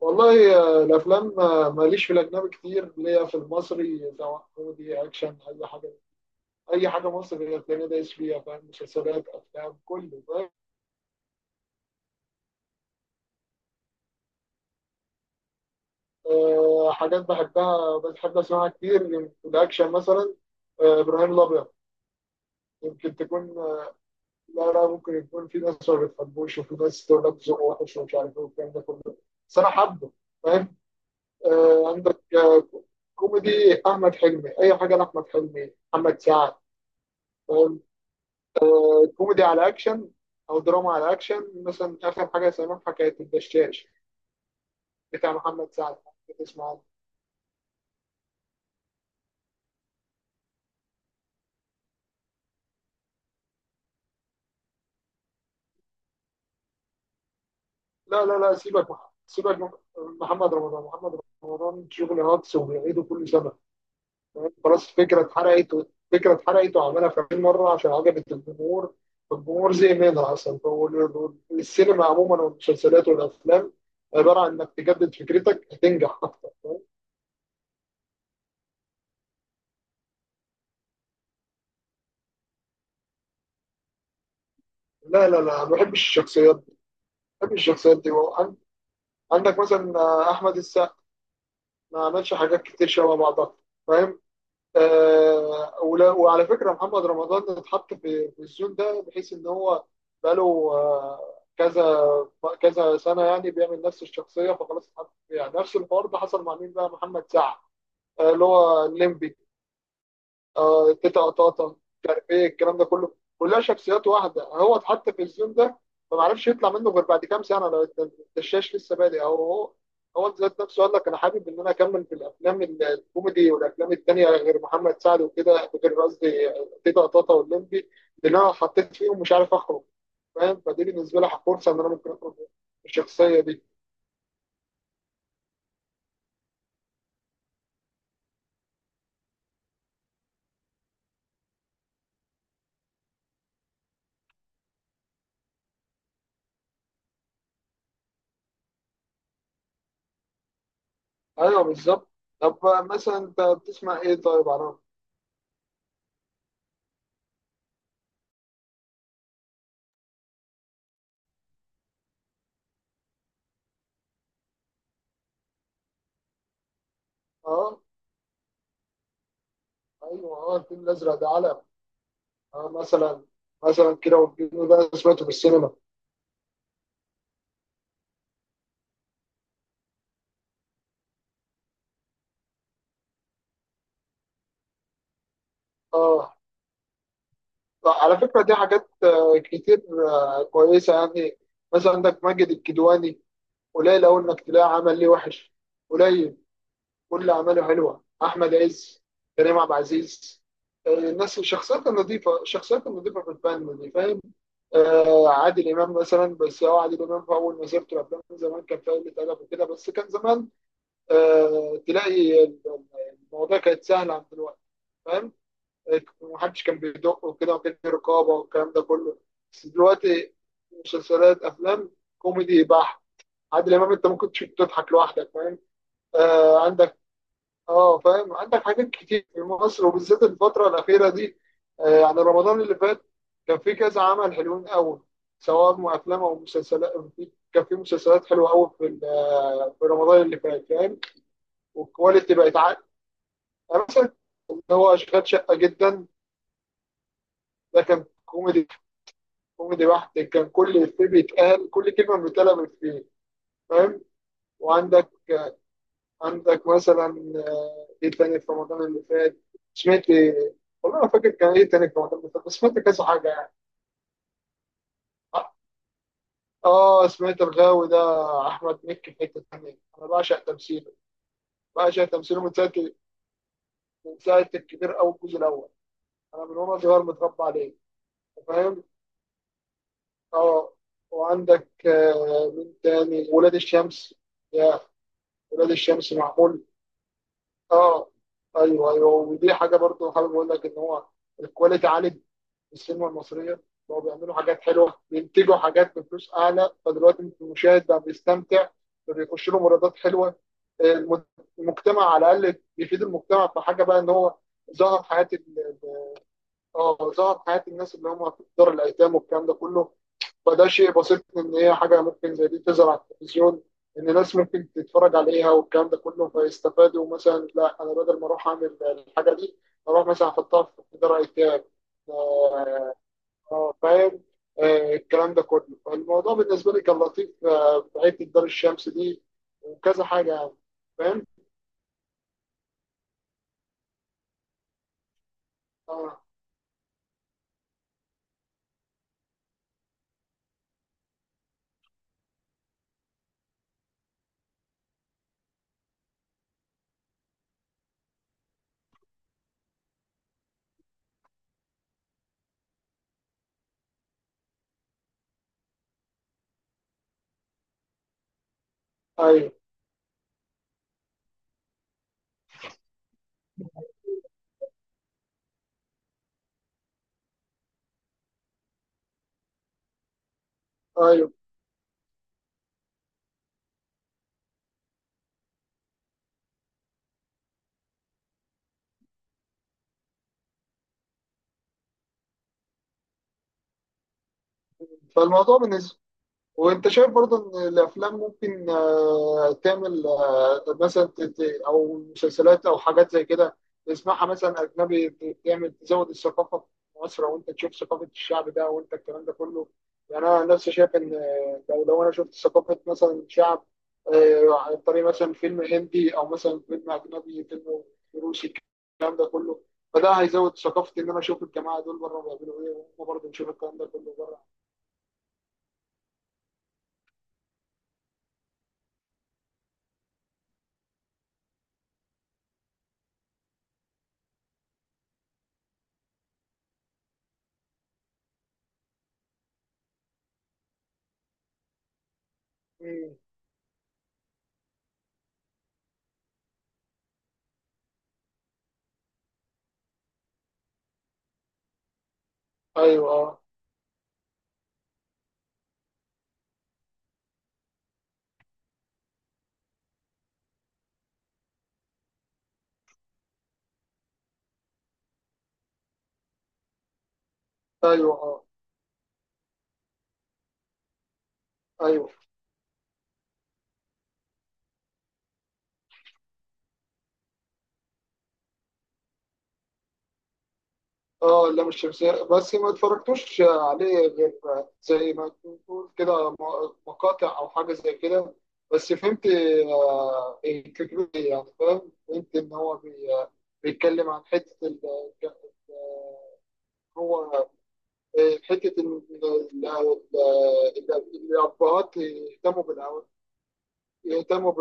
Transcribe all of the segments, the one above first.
والله الافلام ماليش في الاجنبي كتير ليا في المصري، سواء كوميدي اكشن اي حاجه. اي حاجه مصري هتلاقيني دايس فيها، فاهم؟ مسلسلات افلام كله، فاهم؟ حاجات بحبها بحب اسمعها كتير، في الاكشن مثلا ابراهيم الابيض. يمكن تكون لا لا، ممكن يكون في ناس ما بتحبوش وفي ناس تقول لك ذوقه وحش ومش عارف ايه والكلام ده كله، بس انا حابه، فاهم؟ عندك كوميدي، احمد حلمي، اي حاجه لاحمد حلمي، محمد سعد. كوميدي على اكشن او دراما على اكشن، مثلا اخر حاجه سامعها كانت الدشاش، بتاع محمد سعد. تسمع عنه؟ لا لا لا، سيبك سيبك من محمد رمضان. محمد رمضان شغل هاكس وبيعيده كل سنه، فاهم؟ خلاص فكره اتحرقت فكره اتحرقت وعملها 50 مره عشان عجبت الجمهور. الجمهور زهق منها اصلا، والسينما عموما والمسلسلات والافلام عباره عن انك تجدد فكرتك هتنجح اكتر، فاهم؟ لا لا لا، ما بحبش الشخصيات دي، ما بحبش الشخصيات دي. عندك مثلا احمد السقا، ما عملش حاجات كتير شبه بعضها، فاهم؟ ولا، وعلى فكره محمد رمضان اتحط في الزون ده، بحيث ان هو بقاله كذا كذا سنه يعني بيعمل نفس الشخصيه. فخلاص اتحط فيها نفس الحوار. ده حصل مع مين بقى؟ محمد سعد، اللي هو الليمبي، تيتا قطاطا، مش عارف ايه الكلام ده كله، كلها شخصيات واحده. هو اتحط في الزون ده فما عرفش يطلع منه غير بعد كام سنه، لو الدشاش لسه بادئ. او هو هو ذات نفسه قال لك انا حابب ان انا اكمل في الافلام الكوميدي والافلام التانيه، غير محمد سعد وكده، غير قصدي تيتا قطاطا واللمبي، لان انا حطيت فيهم مش عارف اخرج. فاهم؟ فدي بالنسبه لي فرصه ان انا ممكن اخرج من الشخصيه دي. ايوه بالظبط. طب مثلا انت بتسمع ايه طيب عرام؟ اه ايوه، اه الفيل الازرق ده علق. اه مثلا، مثلا كده، والجن ده سمعته في السينما. اه على فكرة دي حاجات كتير، كويسة يعني. مثلا عندك ماجد الكدواني، قليل أوي إنك تلاقي عمل ليه وحش، قليل. كل أعماله حلوة. أحمد عز، كريم عبد العزيز. الناس، الشخصيات النظيفة، الشخصيات النظيفة في الفن دي، فاهم؟ عادل إمام مثلا. بس هو عادل إمام في أول مسيرته الأفلام زمان كان فيها قلة أدب وكده، بس كان زمان. تلاقي المواضيع كانت سهلة عن دلوقتي، فاهم؟ محدش كان بيدق وكده، وكان في رقابه والكلام ده كله. بس دلوقتي مسلسلات، افلام، كوميدي بحت. عادل امام انت ممكن تشوف تضحك لوحدك، فاهم؟ عندك، اه فاهم، عندك حاجات كتير في مصر، وبالذات الفتره الاخيره دي. يعني رمضان اللي فات كان في كذا عمل حلوين قوي، سواء افلام او مسلسلات. كان في مسلسلات حلوه قوي في في رمضان اللي فات، فاهم؟ والكواليتي بقت عاليه، يعني مثلا هو اشغال شقه جدا. ده كان كوميدي، كوميدي بحت، كان كل إفيه بيتقال، كل كلمة بتتقال من إفيه، فاهم؟ وعندك، عندك مثلا إيه تاني في رمضان اللي فات؟ سمعت إيه؟ والله ما فاكر كان إيه تاني في رمضان اللي فات، بس سمعت كذا حاجة يعني. آه سمعت الغاوي ده، أحمد مكي في حتة تانية، أنا بعشق تمثيله. بعشق تمثيله من ساعة، الكبير، أو الجزء الأول. أنا من وأنا صغير متربى عليه، فاهم؟ آه وعندك مين تاني؟ ولاد الشمس، يا ولاد الشمس، معمول. اه ايوه ايوه، ودي حاجه برضو حابب اقول لك ان هو الكواليتي عالي في السينما المصريه. بقوا بيعملوا حاجات حلوه، بينتجوا حاجات بفلوس اعلى، فدلوقتي المشاهد بقى بيستمتع، فبيخش له مراودات حلوه. الم- المجتمع على الاقل، بيفيد المجتمع في حاجه بقى، ان هو ظهر حياه اه ظهر حياه الناس اللي هم في دار الايتام والكلام ده كله. فده شيء بسيط، ان هي حاجه ممكن زي دي تظهر على التلفزيون، ان ناس ممكن تتفرج عليها والكلام ده كله فيستفادوا. مثلا لا انا بدل ما اروح اعمل الحاجه دي، اروح مثلا احطها في دار ايتام. آه، فاهم؟ الكلام ده كله، فالموضوع بالنسبه لي كان لطيف في حته دار الشمس دي، وكذا حاجه يعني، فاهم؟ اه ايوه ايوه، فالموضوع بالنسبه. وانت شايف برضه ان الافلام ممكن تعمل مثلا او مسلسلات او حاجات زي كده، تسمعها مثلا اجنبي تعمل تزود الثقافه في مصر، او انت تشوف ثقافه الشعب ده وانت الكلام ده كله. يعني انا نفسي شايف ان لو انا شفت ثقافه مثلا شعب عن طريق مثلا فيلم هندي او مثلا فيلم اجنبي، فيلم روسي، الكلام ده كله. فده هيزود ثقافتي ان انا اشوف الجماعه دول بره بيعملوا ايه، وهم برضه نشوف الكلام ده كله بره. مم. ايوه ايوه، اه ايوه، اه اللام الشمسية بس ما اتفرجتوش عليه غير زي ما تقول كده، مقاطع او حاجة زي كده. بس فهمت الفكرة دي يعني، فاهم؟ فهمت ان هو بيتكلم عن حتة ال- هو آه، حتة إن ال- ال- الأبهات يهتموا بالأولاد. يهتموا،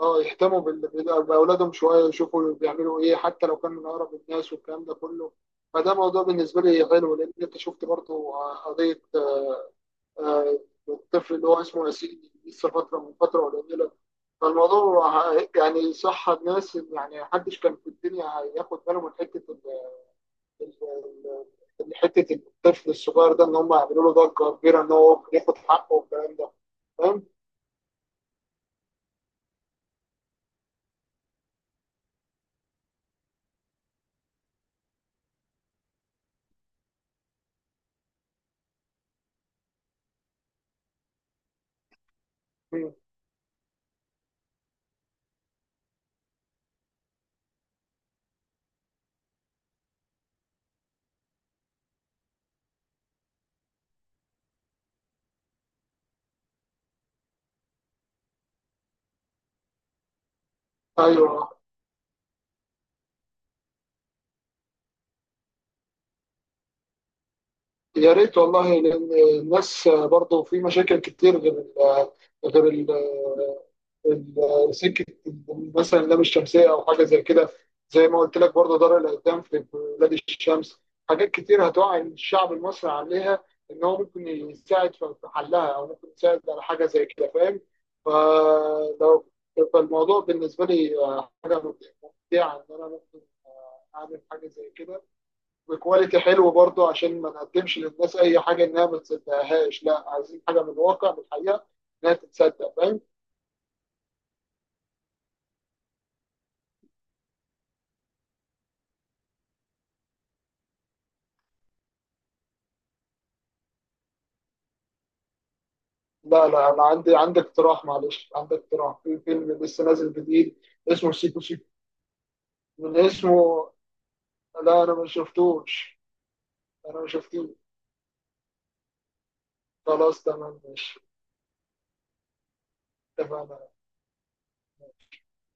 اه يهتموا باولادهم شويه، يشوفوا بيعملوا ايه، حتى لو كانوا من اقرب الناس والكلام ده كله. فده موضوع بالنسبه لي حلو، لان انت شفت برضه قضيه آه، الطفل اللي هو اسمه ياسين، لسه فتره من فتره قليله. فالموضوع يعني صح، الناس يعني محدش كان في الدنيا هياخد باله من حته ال- حته الطفل الصغير ده، ان هم يعملوا له ضجه كبيره ان هو ياخد حقه والكلام ده، فاهم؟ مم. ايوه، يا ريت والله، لان الناس برضه في مشاكل كتير غير ال غير ال سكه، مثلا اللام الشمسيه او حاجه زي كده. زي ما قلت لك برضه دار الايتام في بلاد الشمس. حاجات كتير هتوعي الشعب المصري عليها، ان هو ممكن يساعد في حلها او ممكن يساعد على حاجه زي كده، فاهم؟ فلو فالموضوع بالنسبه لي حاجه ممتعه، ان انا ممكن اعمل حاجه زي كده بكواليتي حلو برضو، عشان ما نقدمش للناس اي حاجه انها ما تصدقهاش. لا، عايزين حاجه من الواقع، من الحقيقه، انها تتصدق، فاهم؟ لا لا انا عندي اقتراح، معلش عندي اقتراح في فيلم لسه نازل جديد اسمه سيكو سيكو. من اسمه؟ لا انا ما شفتوش، انا ما شفتوش. خلاص تمام، ماشي، اتفقنا.